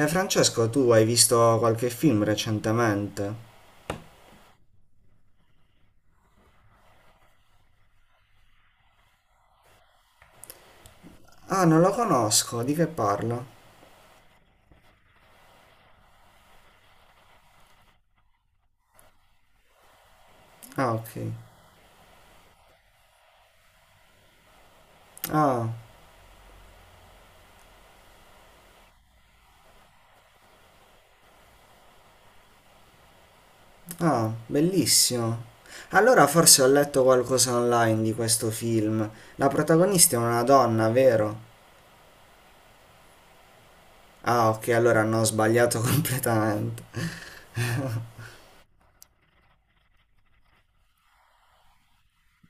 Francesco, tu hai visto qualche film recentemente? Ah, non lo conosco, di che parla? Ah, ok. Ah, ah, bellissimo. Allora forse ho letto qualcosa online di questo film. La protagonista è una donna, vero? Ah, ok, allora hanno sbagliato completamente.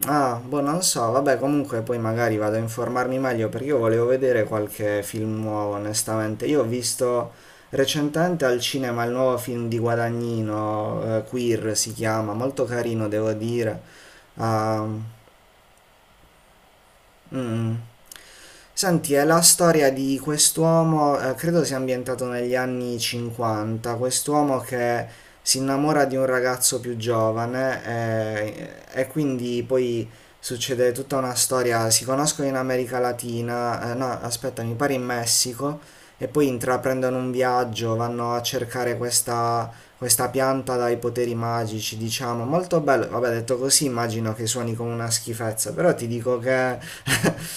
Ah, boh, non so, vabbè, comunque poi magari vado a informarmi meglio perché io volevo vedere qualche film nuovo, onestamente. Io ho visto recentemente al cinema il nuovo film di Guadagnino, Queer si chiama, molto carino, devo dire. Ah, mm. Senti, è la storia di quest'uomo, credo sia ambientato negli anni 50, quest'uomo che si innamora di un ragazzo più giovane e quindi poi succede tutta una storia, si conoscono in America Latina, no, aspetta, mi pare in Messico, e poi intraprendono un viaggio, vanno a cercare questa pianta dai poteri magici, diciamo, molto bello. Vabbè, detto così immagino che suoni come una schifezza, però ti dico che...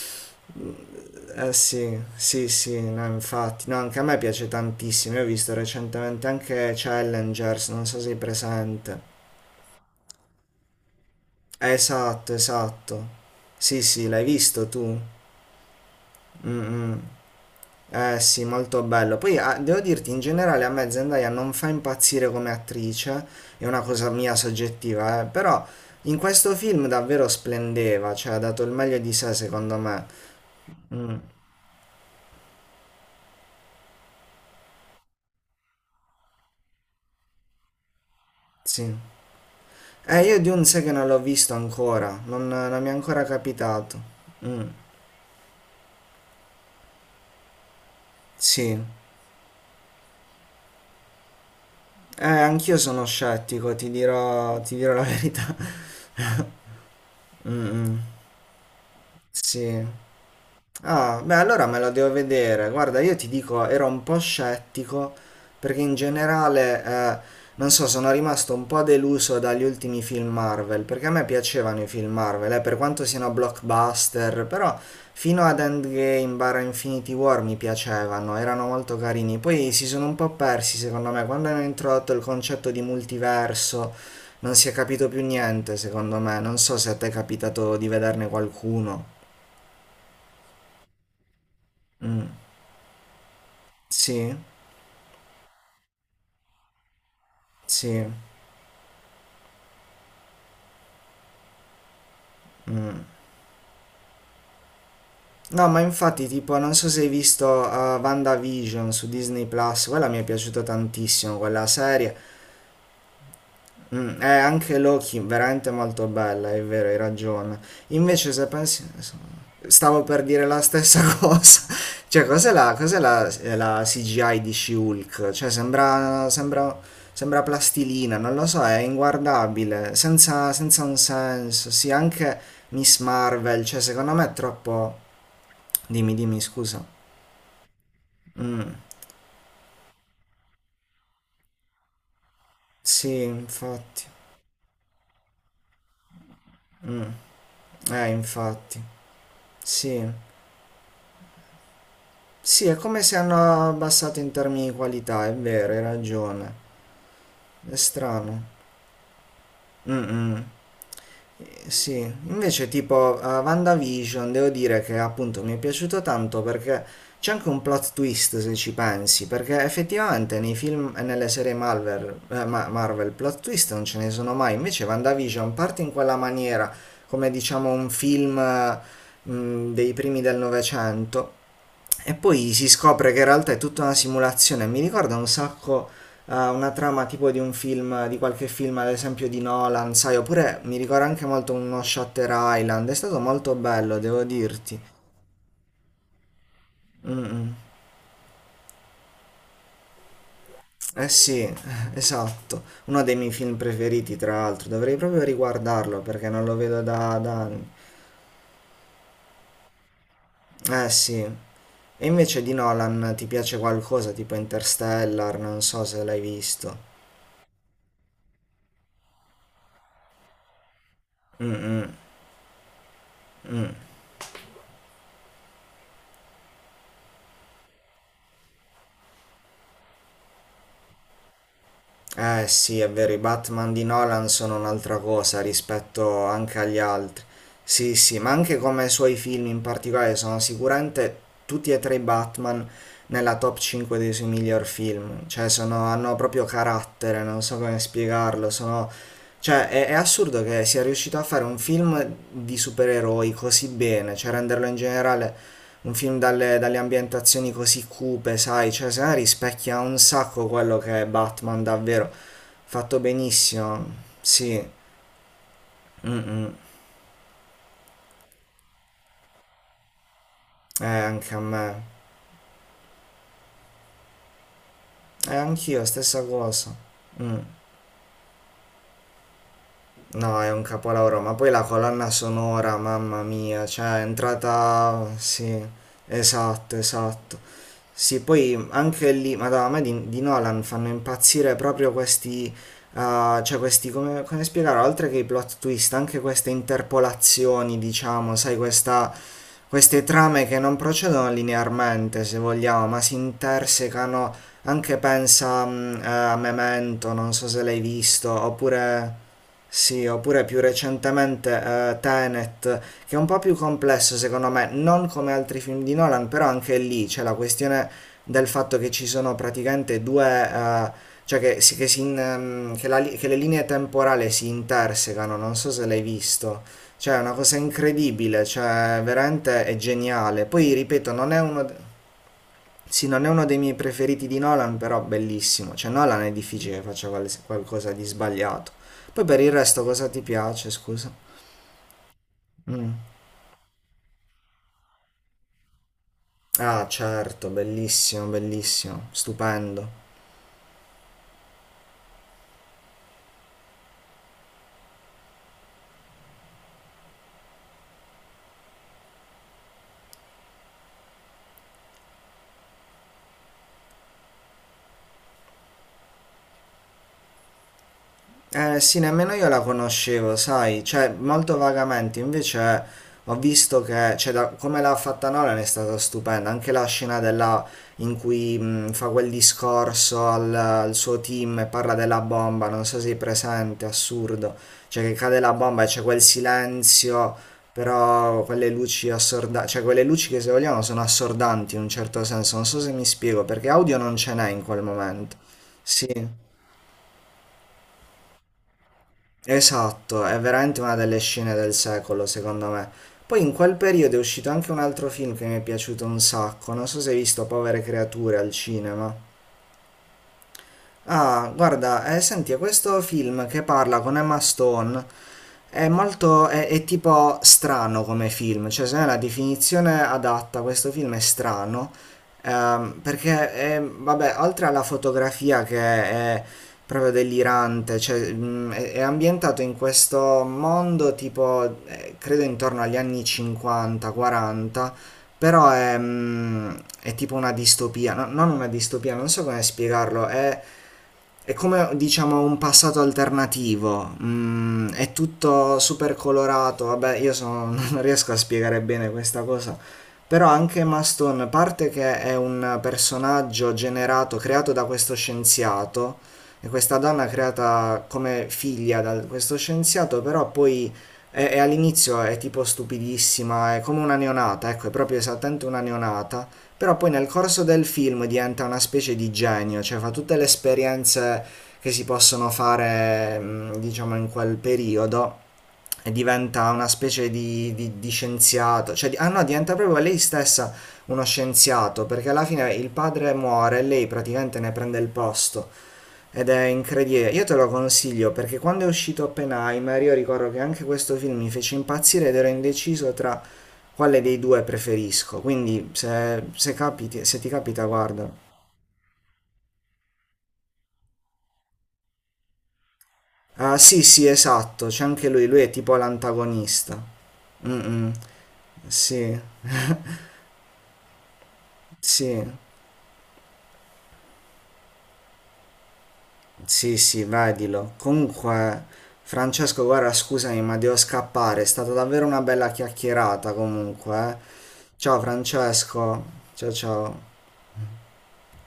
Eh sì, sì, sì, no, infatti, no, anche a me piace tantissimo. Io ho visto recentemente anche Challengers, non so se sei presente. Esatto, esatto. Sì, sì, l'hai visto tu? Mm, mm. Eh sì, molto bello. Poi ah, devo dirti, in generale a me Zendaya non fa impazzire come attrice, è una cosa mia soggettiva, però in questo film davvero splendeva, cioè ha dato il meglio di sé secondo me. Mm, sì. Io Dune sai che non l'ho visto ancora, non mi è ancora capitato. Mm, sì. Anch'io sono scettico, ti dirò la verità. Mm, mm, sì. Ah, beh, allora me la devo vedere. Guarda, io ti dico, ero un po' scettico perché in generale, non so, sono rimasto un po' deluso dagli ultimi film Marvel, perché a me piacevano i film Marvel, per quanto siano blockbuster, però fino ad Endgame barra Infinity War mi piacevano, erano molto carini. Poi si sono un po' persi, secondo me, quando hanno introdotto il concetto di multiverso, non si è capito più niente, secondo me. Non so se a te è capitato di vederne qualcuno. Mm, sì. Sì, mh. No, ma infatti, tipo, non so se hai visto Vanda WandaVision su Disney Plus, quella mi è piaciuta tantissimo, quella serie. Mm, è anche Loki, veramente molto bella, è vero, hai ragione. Invece, se pensi, stavo per dire la stessa cosa. Cioè, cos'è la CGI di She-Hulk? Cioè, sembra plastilina, non lo so, è inguardabile, senza un senso. Sì, anche Miss Marvel, cioè, secondo me è troppo. Dimmi, dimmi, scusa. Mm, sì, infatti. Mm, infatti. Sì. Sì, è come se hanno abbassato in termini di qualità, è vero, hai ragione. È strano. Mm, mm. Sì, invece tipo WandaVision devo dire che appunto mi è piaciuto tanto perché c'è anche un plot twist se ci pensi, perché effettivamente nei film e nelle serie Marvel, Marvel plot twist non ce ne sono mai, invece WandaVision parte in quella maniera, come diciamo un film dei primi del Novecento, e poi si scopre che in realtà è tutta una simulazione. Mi ricorda un sacco una trama tipo di un film, di qualche film, ad esempio di Nolan, sai, oppure mi ricorda anche molto uno Shutter Island. È stato molto bello, devo dirti. Mm, mm. Eh sì, esatto. Uno dei miei film preferiti, tra l'altro. Dovrei proprio riguardarlo perché non lo vedo da anni. Eh sì. E invece di Nolan ti piace qualcosa tipo Interstellar? Non so se l'hai visto. Mm, mm. Eh sì, è vero, i Batman di Nolan sono un'altra cosa rispetto anche agli altri. Sì, sì, ma anche come i suoi film in particolare sono sicuramente tutti e tre i Batman nella top 5 dei suoi miglior film. Cioè, sono, hanno proprio carattere, non so come spiegarlo, sono... Cioè, è assurdo che sia riuscito a fare un film di supereroi così bene, cioè renderlo in generale un film dalle ambientazioni così cupe, sai, cioè se no rispecchia un sacco quello che è Batman davvero, fatto benissimo, sì, mm anche a me, e anch'io, stessa cosa, mm. No, è un capolavoro, ma poi la colonna sonora, mamma mia, cioè è entrata, sì, esatto, esatto. Sì, poi anche lì, madonna, a me di Nolan fanno impazzire proprio questi, cioè questi, come spiegare, oltre che i plot twist, anche queste interpolazioni, diciamo, sai, queste trame che non procedono linearmente, se vogliamo, ma si intersecano, anche pensa, a Memento, non so se l'hai visto, oppure... Sì, oppure più recentemente Tenet, che è un po' più complesso secondo me, non come altri film di Nolan, però anche lì c'è la questione del fatto che ci sono praticamente due, cioè che le linee temporali si intersecano, non so se l'hai visto. Cioè, è una cosa incredibile, cioè veramente è geniale. Poi ripeto, non è uno... Sì, non è uno dei miei preferiti di Nolan, però bellissimo. Cioè, Nolan è difficile che faccia qualcosa di sbagliato. Poi per il resto cosa ti piace, scusa? Mm. Ah, certo, bellissimo, bellissimo, stupendo. Eh sì, nemmeno io la conoscevo, sai, cioè molto vagamente, invece ho visto che, cioè, come l'ha fatta Nolan è stata stupenda, anche la scena della, in cui fa quel discorso al suo team e parla della bomba, non so se sei presente, assurdo, cioè che cade la bomba e c'è quel silenzio, però quelle luci assordanti, cioè quelle luci che se vogliamo sono assordanti in un certo senso, non so se mi spiego, perché audio non ce n'è in quel momento, sì. Esatto, è veramente una delle scene del secolo, secondo me. Poi in quel periodo è uscito anche un altro film che mi è piaciuto un sacco, non so se hai visto Povere creature al cinema. Ah, guarda, senti, è questo film che parla con Emma Stone è molto, è tipo strano come film, cioè secondo me la definizione adatta a questo film è strano, perché vabbè, oltre alla fotografia che è proprio delirante, cioè, è ambientato in questo mondo tipo, credo intorno agli anni 50, 40, però è tipo una distopia, non una distopia, non so come spiegarlo, è come diciamo un passato alternativo, mm, è tutto super colorato, vabbè non riesco a spiegare bene questa cosa, però anche Maston, a parte che è un personaggio generato, creato da questo scienziato, e questa donna creata come figlia da questo scienziato, però poi è all'inizio è tipo stupidissima, è come una neonata, ecco, è proprio esattamente una neonata, però poi nel corso del film diventa una specie di genio, cioè fa tutte le esperienze che si possono fare, diciamo, in quel periodo e diventa una specie di, di scienziato, ah no, diventa proprio lei stessa uno scienziato, perché alla fine il padre muore e lei praticamente ne prende il posto. Ed è incredibile, io te lo consiglio perché quando è uscito Oppenheimer io ricordo che anche questo film mi fece impazzire ed ero indeciso tra quale dei due preferisco, quindi se ti capita guarda. Ah, sì, sì, esatto, c'è anche lui è tipo l'antagonista. Mm, mm. Sì, sì. Sì, sì, vedilo. Comunque, Francesco, guarda, scusami, ma devo scappare. È stata davvero una bella chiacchierata, comunque. Eh. Ciao, Francesco. Ciao, ciao.